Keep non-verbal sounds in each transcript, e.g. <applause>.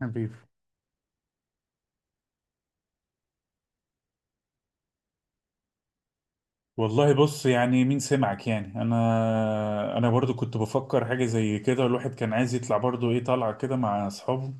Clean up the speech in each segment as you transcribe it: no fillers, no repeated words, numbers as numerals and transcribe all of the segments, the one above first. حبيبي. والله بص، يعني مين سمعك؟ يعني انا برضو كنت بفكر حاجه زي كده. الواحد كان عايز يطلع برضو، ايه طالعه كده مع اصحابه.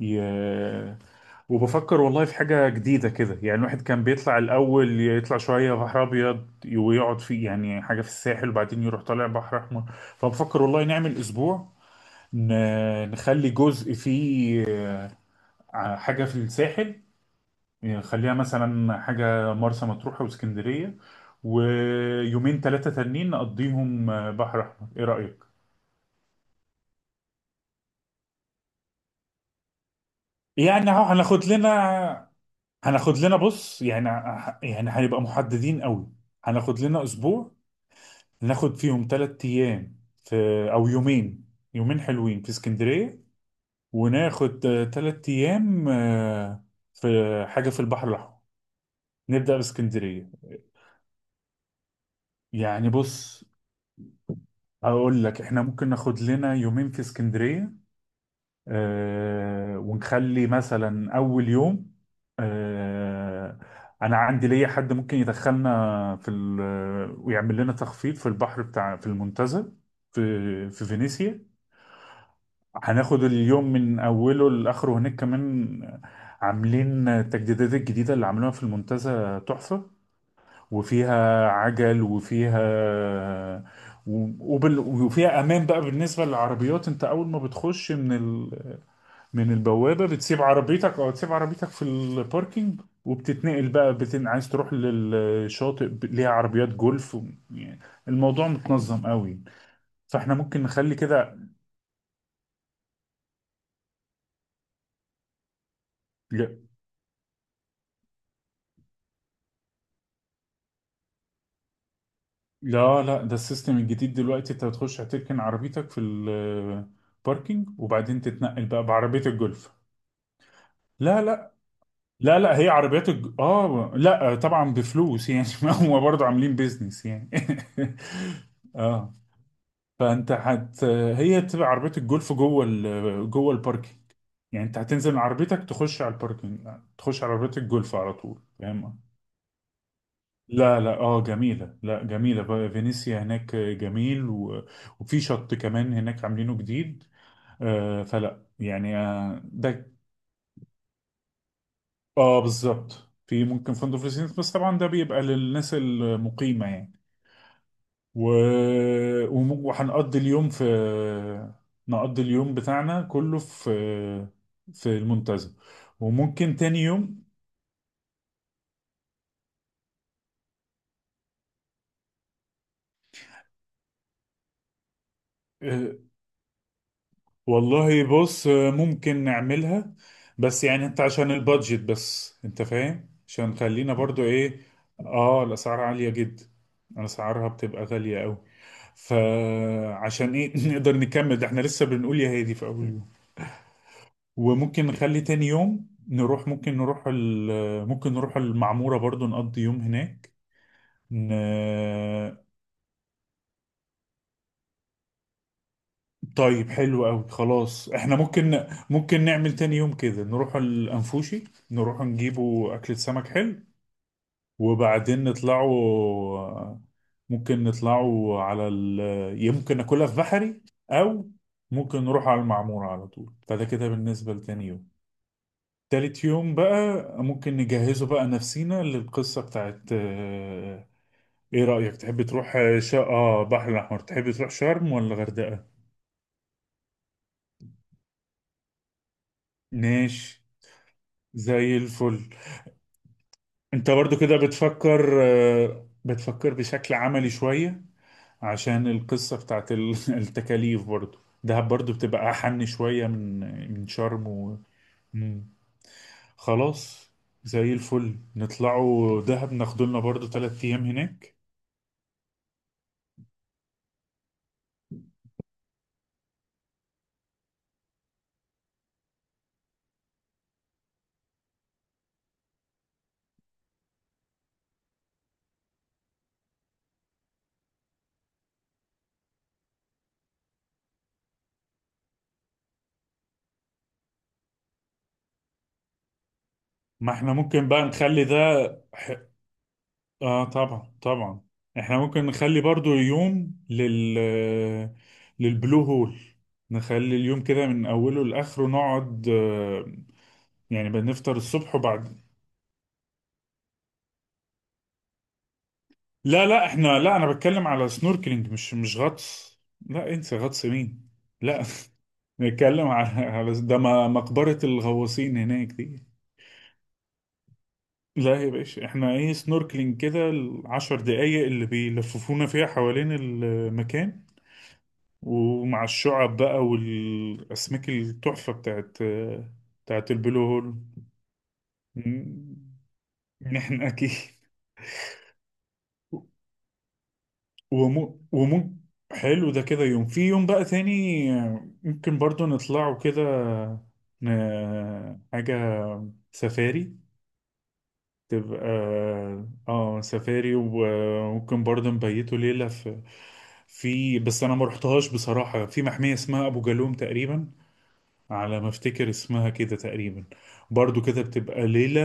ي... وبفكر والله في حاجه جديده كده. يعني الواحد كان بيطلع الاول، يطلع شويه بحر ابيض ويقعد فيه، يعني حاجه في الساحل، وبعدين يروح طالع بحر احمر. فبفكر والله نعمل اسبوع، ن... نخلي جزء فيه حاجه في الساحل، يعني خليها مثلا حاجة مرسى مطروح واسكندرية، ويومين ثلاثة تانيين نقضيهم آه، بحر أحمر. إيه رأيك؟ يعني أهو هناخد لنا، هناخد لنا بص، يعني يعني هنبقى محددين قوي. هناخد لنا أسبوع، ناخد فيهم ثلاث أيام في، أو يومين، يومين حلوين في اسكندرية، وناخد ثلاث أيام آه، في حاجة في البحر الأحمر. نبدأ باسكندرية. يعني بص، هقول لك احنا ممكن ناخد لنا يومين في اسكندرية آه، ونخلي مثلا أول يوم آه، أنا عندي ليا حد ممكن يدخلنا في ويعمل لنا تخفيض في البحر بتاع، في المنتزه، في في فينيسيا. هناخد اليوم من أوله لآخره هناك كمان. عاملين التجديدات الجديدة اللي عملوها في المنتزه تحفة، وفيها عجل وفيها وفيها امان بقى بالنسبه للعربيات. انت اول ما بتخش من من البوابة، بتسيب عربيتك، او تسيب عربيتك في الباركينج وبتتنقل بقى، عايز تروح للشاطئ ليها عربيات جولف و... يعني الموضوع متنظم قوي. فاحنا ممكن نخلي كده. لا، لا لا، ده السيستم الجديد دلوقتي. انت بتخش هتركن عربيتك في الباركينج، وبعدين تتنقل بقى بعربية الجولف. لا لا، لا لا هي عربيات اه لا طبعا بفلوس يعني <laughs> هم برضه عاملين بيزنس يعني <laughs> اه، فانت هي بتبقى عربيه الجولف جوه جوه الباركينج. يعني انت هتنزل من عربيتك، تخش على الباركينج، تخش على عربيه الجولف على طول، فاهم؟ لا لا، اه جميله، لا جميله بقى فينيسيا هناك جميل و... وفي شط كمان هناك عاملينه جديد. آه فلا يعني آه ده. اه بالظبط، في ممكن فندق في السيناء، بس طبعا ده بيبقى للناس المقيمه يعني. و... وهنقضي اليوم في، نقضي اليوم بتاعنا كله في في المنتزه. وممكن تاني يوم آه، والله بص آه، ممكن نعملها، بس يعني انت عشان البادجت، بس انت فاهم عشان خلينا برضو ايه. اه الاسعار عالية جدا، اسعارها بتبقى غالية قوي. فعشان ايه <laughs> نقدر نكمل ده، احنا لسه بنقول يا هادي في اول يوم. وممكن نخلي تاني يوم نروح، ممكن نروح ممكن نروح المعمورة برضو، نقضي يوم هناك. ن... طيب حلو قوي، خلاص احنا ممكن، ممكن نعمل تاني يوم كده نروح الأنفوشي، نروح نجيبوا أكلة سمك حلو، وبعدين نطلعوا، ممكن نطلعوا على يمكن ناكلها في بحري، أو ممكن نروح على المعمورة على طول. فده كده بالنسبة لتاني يوم. تالت يوم بقى ممكن نجهزه بقى، نفسينا للقصة بتاعت آه، ايه رأيك؟ تحب تروح آه، اه بحر الأحمر. تحب تروح شرم ولا غردقة؟ ماشي، زي الفل. انت برضو كده بتفكر آه، بتفكر بشكل عملي شوية، عشان القصة بتاعت <laughs> التكاليف برضو. دهب برضو بتبقى أحن شوية من، من شرم و... مم. خلاص، زي الفل. نطلعوا دهب ناخدولنا برضو تلات أيام هناك. ما احنا ممكن بقى نخلي ده ح... اه طبعا طبعا. احنا ممكن نخلي برضو يوم لل، للبلو هول. نخلي اليوم كده من اوله لاخره نقعد آه، يعني بنفطر الصبح وبعد. لا لا، احنا لا، انا بتكلم على سنوركلينج، مش مش غطس. لا انسى غطس مين. لا <laughs> نتكلم على على ده، مقبرة الغواصين هناك دي. لا يا باشا، احنا ايه، سنوركلينج كده العشر دقايق اللي بيلففونا فيها حوالين المكان، ومع الشعب بقى والاسماك التحفة بتاعت، بتاعت البلو هول. م- نحن اكيد. ومو ومو حلو ده كده، يوم في يوم بقى تاني ممكن برضو نطلعوا كده، حاجة سفاري تبقى. اه سفاري، وممكن برضه نبيته ليلة في، في، بس انا ما رحتهاش بصراحة، في محمية اسمها ابو جالوم تقريبا، على ما افتكر اسمها كده تقريبا. برضه كده بتبقى ليلة،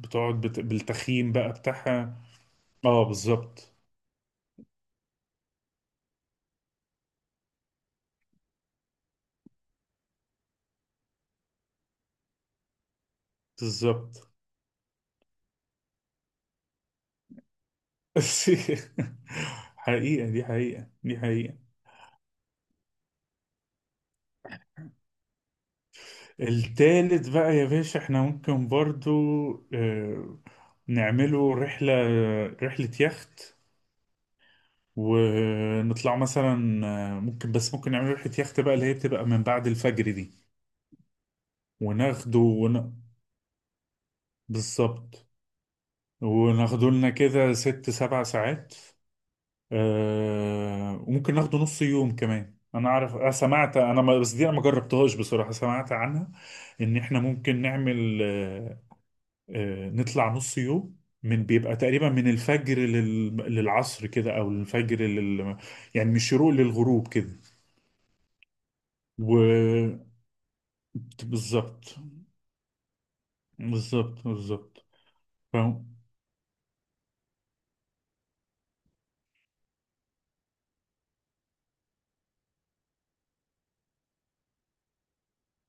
بتقعد بالتخييم بقى بتاعها. اه بالظبط. بالظبط <laughs> حقيقة دي، حقيقة دي حقيقة. التالت بقى يا باشا، احنا ممكن برضو آه، نعمله رحلة، رحلة يخت. ونطلع مثلا آه، ممكن، بس ممكن نعمل رحلة يخت بقى، اللي هي بتبقى من بعد الفجر دي. وناخده بالظبط. وناخده لنا كده ست سبع ساعات آه... وممكن ناخده نص يوم كمان. انا اعرف، أنا سمعت، انا ما... بس دي انا ما جربتهاش بصراحة، سمعت عنها ان احنا ممكن نعمل آه... آه... نطلع نص يوم، من بيبقى تقريبا من الفجر للعصر كده، او الفجر لل... يعني من الشروق للغروب كده. بالظبط، بالظبط بالظبط. فاهم.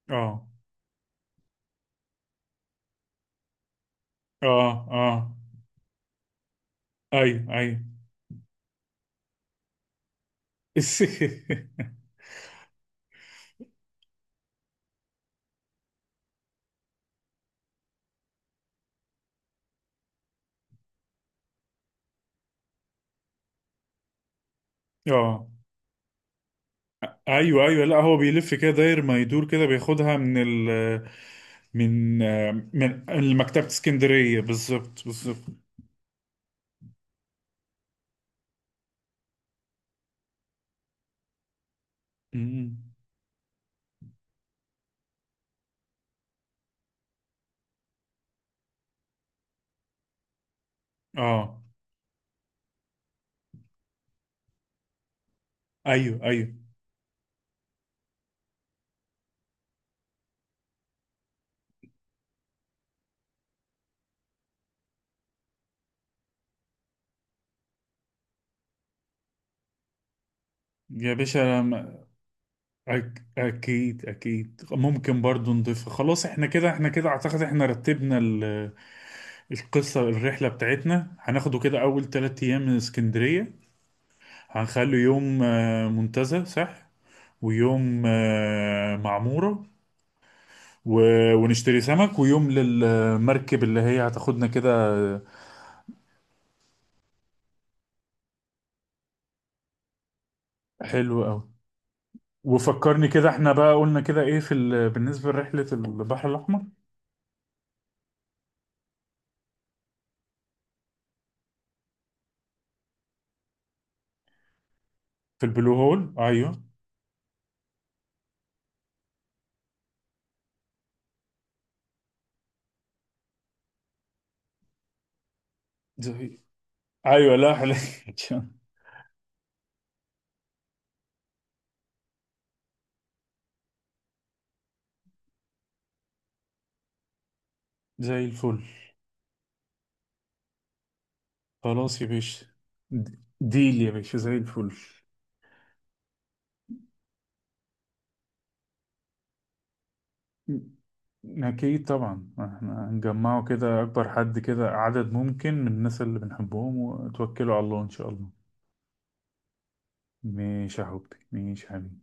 اه اه اه. ايوه ايوه الس- <laughs> اه ايوه ايوه، لا هو بيلف كده داير ما يدور كده، بياخدها من ال، من، من المكتبة اسكندرية بالظبط بالظبط. أمم. اه ايوه ايوه. يا باشا اكيد اكيد، ممكن برضو نضيفها. خلاص احنا كده، احنا كده اعتقد احنا رتبنا القصة. الرحلة بتاعتنا هناخده كده، أول تلات أيام من اسكندرية. هنخلي يوم آه، منتزه صح، ويوم آه، معمورة ونشتري سمك، ويوم للمركب اللي هي هتاخدنا كده آه، حلو أوي. وفكرني كده، احنا بقى قلنا كده ايه في بالنسبة لرحلة البحر الأحمر. في البلو هول أيوه. زي أيوه لا حلو <laughs> زي الفل خلاص يا باشا. ديل يا باشا زي الفل. أكيد طبعا، احنا نجمعه كده أكبر حد كده، عدد ممكن من الناس اللي بنحبهم، وتوكلوا على الله إن شاء الله. ماشي يا حبيبي، ماشي يا حبيبي.